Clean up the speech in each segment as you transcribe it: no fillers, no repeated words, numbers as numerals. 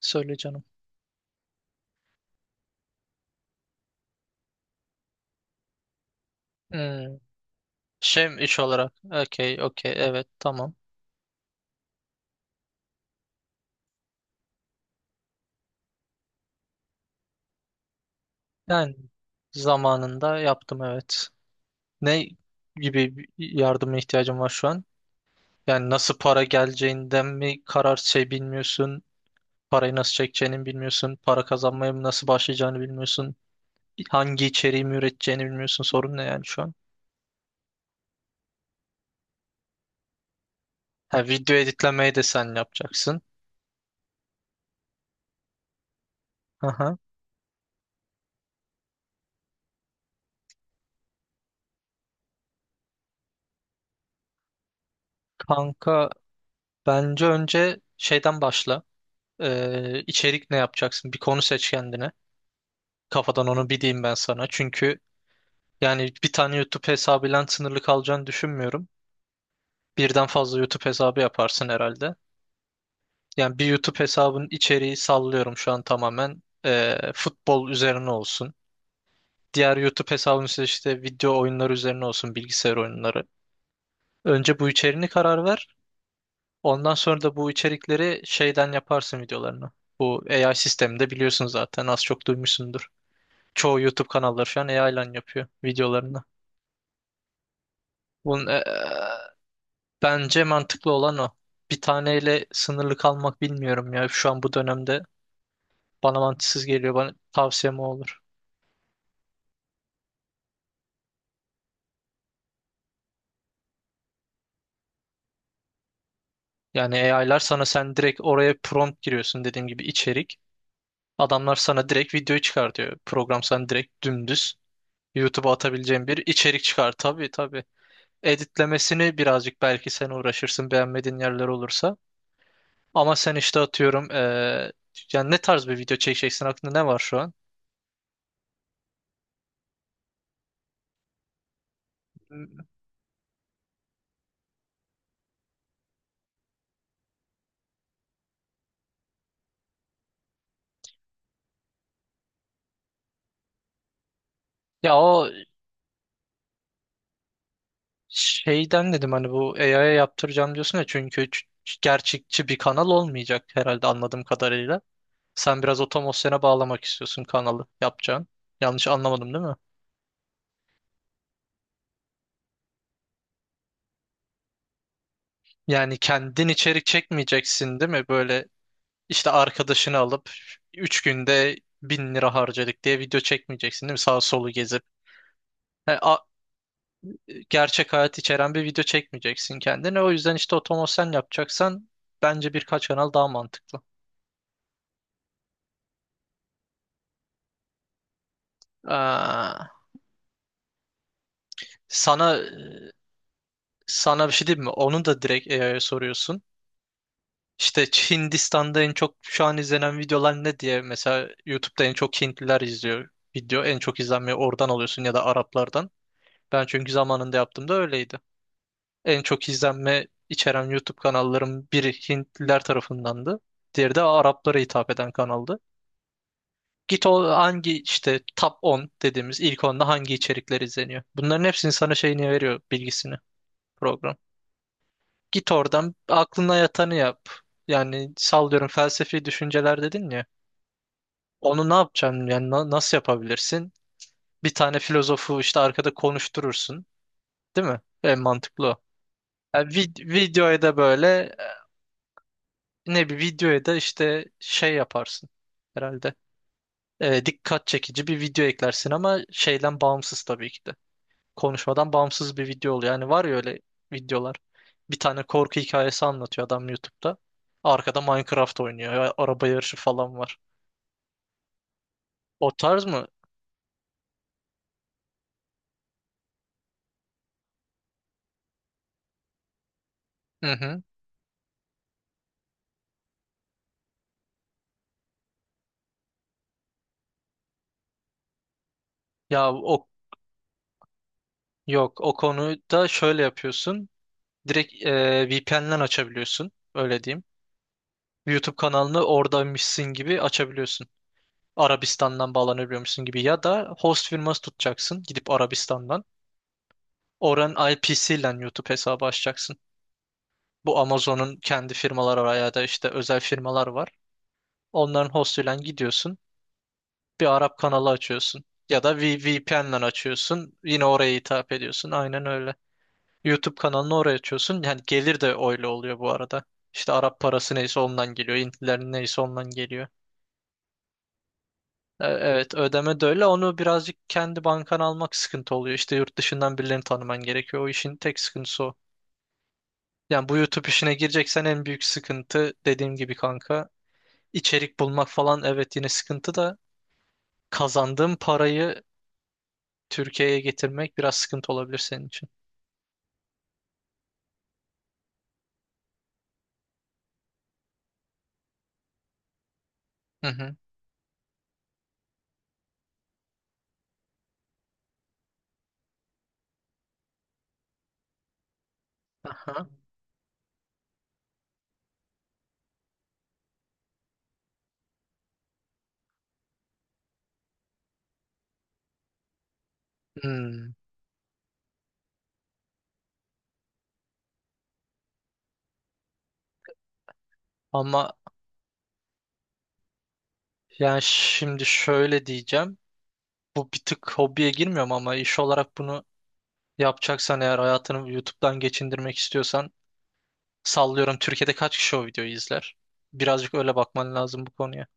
Söyle canım. Hmm. Şey iş olarak. Okey, okey. Evet, tamam. Yani zamanında yaptım, evet. Ne gibi bir yardıma ihtiyacım var şu an? Yani nasıl para geleceğinden mi, karar şey bilmiyorsun? Parayı nasıl çekeceğini bilmiyorsun. Para kazanmaya mı nasıl başlayacağını bilmiyorsun. Hangi içeriği mi üreteceğini bilmiyorsun. Sorun ne yani şu an? Ha, video editlemeyi de sen yapacaksın. Aha. Kanka, bence önce şeyden başla. İçerik ne yapacaksın? Bir konu seç kendine. Kafadan onu bir diyeyim ben sana. Çünkü yani bir tane YouTube hesabıyla sınırlı kalacağını düşünmüyorum. Birden fazla YouTube hesabı yaparsın herhalde. Yani bir YouTube hesabın içeriği sallıyorum şu an tamamen futbol üzerine olsun. Diğer YouTube hesabın ise işte video oyunları üzerine olsun, bilgisayar oyunları. Önce bu içeriğini karar ver. Ondan sonra da bu içerikleri şeyden yaparsın videolarını. Bu AI sisteminde biliyorsun zaten, az çok duymuşsundur. Çoğu YouTube kanalları şu an AI ile yapıyor videolarını. Bunun bence mantıklı olan o. Bir taneyle sınırlı kalmak, bilmiyorum ya. Şu an bu dönemde bana mantıksız geliyor. Bana tavsiyem o olur. Yani AI'lar sana, sen direkt oraya prompt giriyorsun dediğim gibi, içerik. Adamlar sana direkt videoyu çıkartıyor. Program sana direkt dümdüz YouTube'a atabileceğin bir içerik çıkar. Tabii, tabii. Editlemesini birazcık belki sen uğraşırsın beğenmediğin yerler olursa. Ama sen işte atıyorum yani ne tarz bir video çekeceksin, aklında ne var şu an? Ya o şeyden dedim hani, bu AI'ya yaptıracağım diyorsun ya, çünkü gerçekçi bir kanal olmayacak herhalde anladığım kadarıyla. Sen biraz otomasyona bağlamak istiyorsun kanalı yapacağın. Yanlış anlamadım değil mi? Yani kendin içerik çekmeyeceksin değil mi? Böyle işte arkadaşını alıp 3 günde 1.000 lira harcadık diye video çekmeyeceksin değil mi? Sağ solu gezip. Gerçek hayat içeren bir video çekmeyeceksin kendine. O yüzden işte otomasyon yapacaksan bence birkaç kanal daha mantıklı. Aa, sana sana bir şey diyeyim mi? Onu da direkt AI'ya soruyorsun. İşte Hindistan'da en çok şu an izlenen videolar ne diye mesela, YouTube'da en çok Hintliler izliyor video. En çok izlenmeyi oradan alıyorsun ya da Araplardan. Ben çünkü zamanında yaptığımda öyleydi. En çok izlenme içeren YouTube kanalların biri Hintliler tarafındandı. Diğeri de Araplara hitap eden kanaldı. Git o hangi işte, top 10 dediğimiz ilk onda hangi içerikler izleniyor. Bunların hepsini sana şeyini veriyor, bilgisini program. Git oradan aklına yatanı yap. Yani sallıyorum, felsefi düşünceler dedin ya. Onu ne yapacaksın yani, nasıl yapabilirsin? Bir tane filozofu işte arkada konuşturursun. Değil mi? En mantıklı o. Yani videoya da böyle, ne bir videoya da işte şey yaparsın herhalde. Dikkat çekici bir video eklersin ama şeyden bağımsız tabii ki de. Konuşmadan bağımsız bir video oluyor. Yani var ya öyle videolar. Bir tane korku hikayesi anlatıyor adam YouTube'da. Arkada Minecraft oynuyor. Ya araba yarışı falan var. O tarz mı? Hı hı. Ya o, yok, o konuda şöyle yapıyorsun. Direkt VPN'den açabiliyorsun. Öyle diyeyim. YouTube kanalını oradaymışsın gibi açabiliyorsun. Arabistan'dan bağlanabiliyormuşsun gibi, ya da host firması tutacaksın gidip Arabistan'dan. Oranın IP'siyle YouTube hesabı açacaksın. Bu Amazon'un kendi firmaları var ya da işte özel firmalar var. Onların hostuyla gidiyorsun. Bir Arap kanalı açıyorsun. Ya da VPN'le açıyorsun. Yine oraya hitap ediyorsun. Aynen öyle. YouTube kanalını oraya açıyorsun. Yani gelir de öyle oluyor bu arada. İşte Arap parası neyse ondan geliyor. Hintlilerin neyse ondan geliyor. Evet, ödeme de öyle. Onu birazcık kendi bankana almak sıkıntı oluyor. İşte yurt dışından birilerini tanıman gerekiyor. O işin tek sıkıntısı o. Yani bu YouTube işine gireceksen en büyük sıkıntı dediğim gibi kanka. İçerik bulmak falan evet yine sıkıntı da, kazandığın parayı Türkiye'ye getirmek biraz sıkıntı olabilir senin için. Hı hı. Aha. Hmm. Ama yani şimdi şöyle diyeceğim. Bu bir tık hobiye girmiyorum ama iş olarak bunu yapacaksan, eğer hayatını YouTube'dan geçindirmek istiyorsan, sallıyorum Türkiye'de kaç kişi o videoyu izler? Birazcık öyle bakman lazım bu konuya.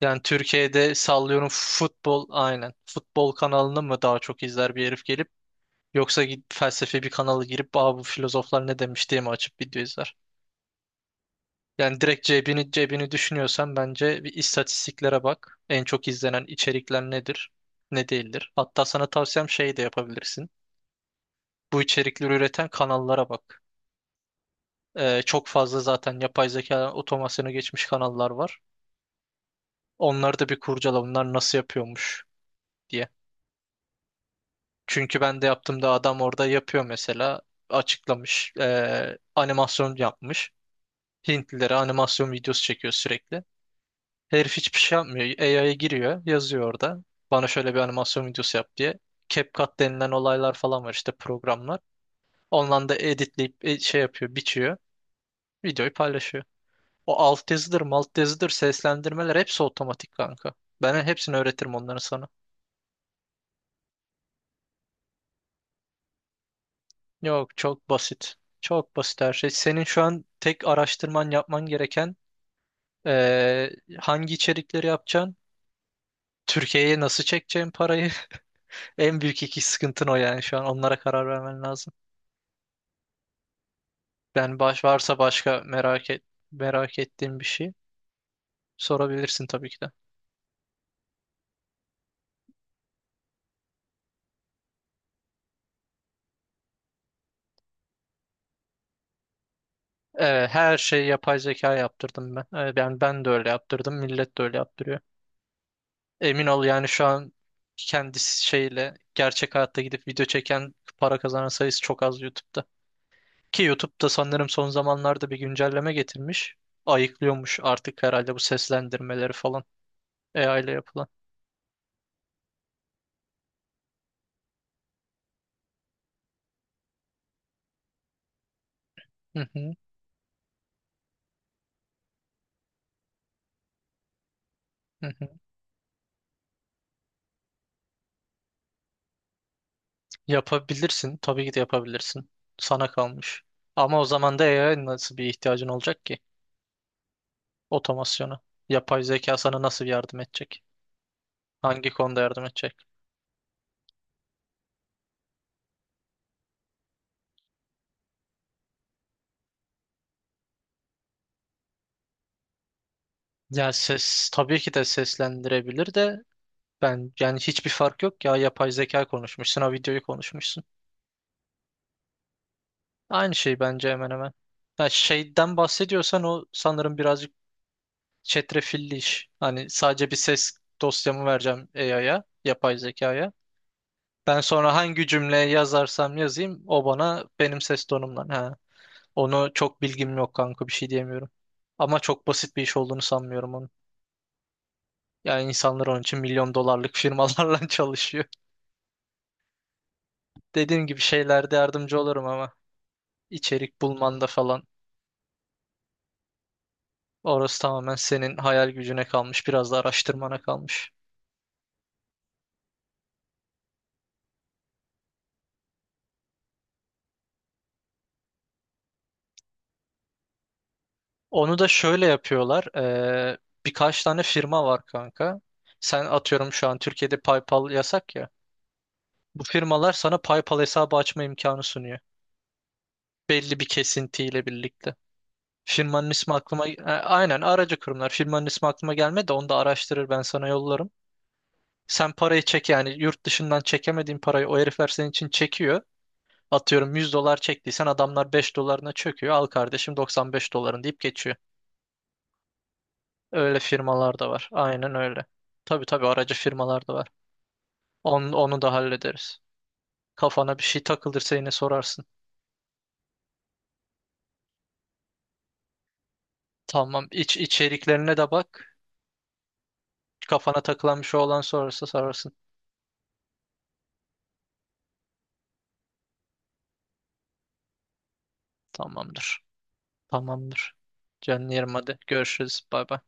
Yani Türkiye'de sallıyorum futbol, aynen. Futbol kanalını mı daha çok izler bir herif gelip, yoksa git felsefi bir kanala girip, aa, bu filozoflar ne demiş diye mi açıp video izler? Yani direkt cebini düşünüyorsan bence bir istatistiklere bak. En çok izlenen içerikler nedir, ne değildir. Hatta sana tavsiyem şey de yapabilirsin. Bu içerikleri üreten kanallara bak. Çok fazla zaten yapay zeka otomasyona geçmiş kanallar var. Onları da bir kurcala, bunlar nasıl yapıyormuş diye. Çünkü ben de yaptığımda adam orada yapıyor mesela. Açıklamış, animasyon yapmış. Hintlilere animasyon videosu çekiyor sürekli. Herif hiçbir şey yapmıyor. AI'ya giriyor, yazıyor orada. Bana şöyle bir animasyon videosu yap diye. CapCut denilen olaylar falan var işte, programlar. Ondan da editleyip şey yapıyor, biçiyor. Videoyu paylaşıyor. O alt yazıdır, malt yazıdır, seslendirmeler hepsi otomatik kanka. Ben hepsini öğretirim onları sana. Yok, çok basit. Çok basit her şey. Senin şu an tek araştırman yapman gereken hangi içerikleri yapacaksın? Türkiye'ye nasıl çekeceğim parayı? En büyük iki sıkıntın o, yani şu an onlara karar vermen lazım. Yani varsa başka merak ettiğin bir şey sorabilirsin tabii ki de. Evet, her şeyi yapay zeka yaptırdım ben. Evet, ben de öyle yaptırdım, millet de öyle yaptırıyor. Emin ol yani şu an kendi şeyle gerçek hayatta gidip video çeken, para kazanan sayısı çok az YouTube'da. Ki YouTube'da sanırım son zamanlarda bir güncelleme getirmiş. Ayıklıyormuş artık herhalde bu seslendirmeleri falan AI ile yapılan. Hı hı, hı hı. Yapabilirsin. Tabii ki de yapabilirsin. Sana kalmış. Ama o zaman da AI'ya nasıl bir ihtiyacın olacak ki? Otomasyona. Yapay zeka sana nasıl yardım edecek? Hangi konuda yardım edecek? Yani ses tabii ki de seslendirebilir de, ben yani hiçbir fark yok ya, yapay zeka konuşmuşsun ha videoyu konuşmuşsun. Aynı şey bence hemen hemen. Ya şeyden bahsediyorsan o sanırım birazcık çetrefilli iş. Hani sadece bir ses dosyamı vereceğim AI'ya, yapay zekaya. Ben sonra hangi cümle yazarsam yazayım, o bana benim ses tonumdan. Ha. Onu çok bilgim yok kanka, bir şey diyemiyorum. Ama çok basit bir iş olduğunu sanmıyorum onun. Yani insanlar onun için milyon dolarlık firmalarla çalışıyor. Dediğim gibi şeylerde yardımcı olurum ama, içerik bulmanda falan. Orası tamamen senin hayal gücüne kalmış, biraz da araştırmana kalmış. Onu da şöyle yapıyorlar. Birkaç tane firma var kanka. Sen atıyorum şu an Türkiye'de PayPal yasak ya. Bu firmalar sana PayPal hesabı açma imkanı sunuyor. Belli bir kesintiyle birlikte. Firmanın ismi aklıma... Aynen, aracı kurumlar. Firmanın ismi aklıma gelmedi de onu da araştırır ben sana yollarım. Sen parayı çek, yani yurt dışından çekemediğin parayı o herifler senin için çekiyor. Atıyorum 100 dolar çektiysen adamlar 5 dolarına çöküyor. Al kardeşim 95 doların deyip geçiyor. Öyle firmalar da var. Aynen öyle. Tabii, tabii aracı firmalar da var. Onu da hallederiz. Kafana bir şey takılırsa yine sorarsın. Tamam. İçeriklerine de bak. Kafana takılan bir şey olan sorarsa sorarsın. Tamamdır. Tamamdır. Canım yerim hadi. Görüşürüz. Bay bay.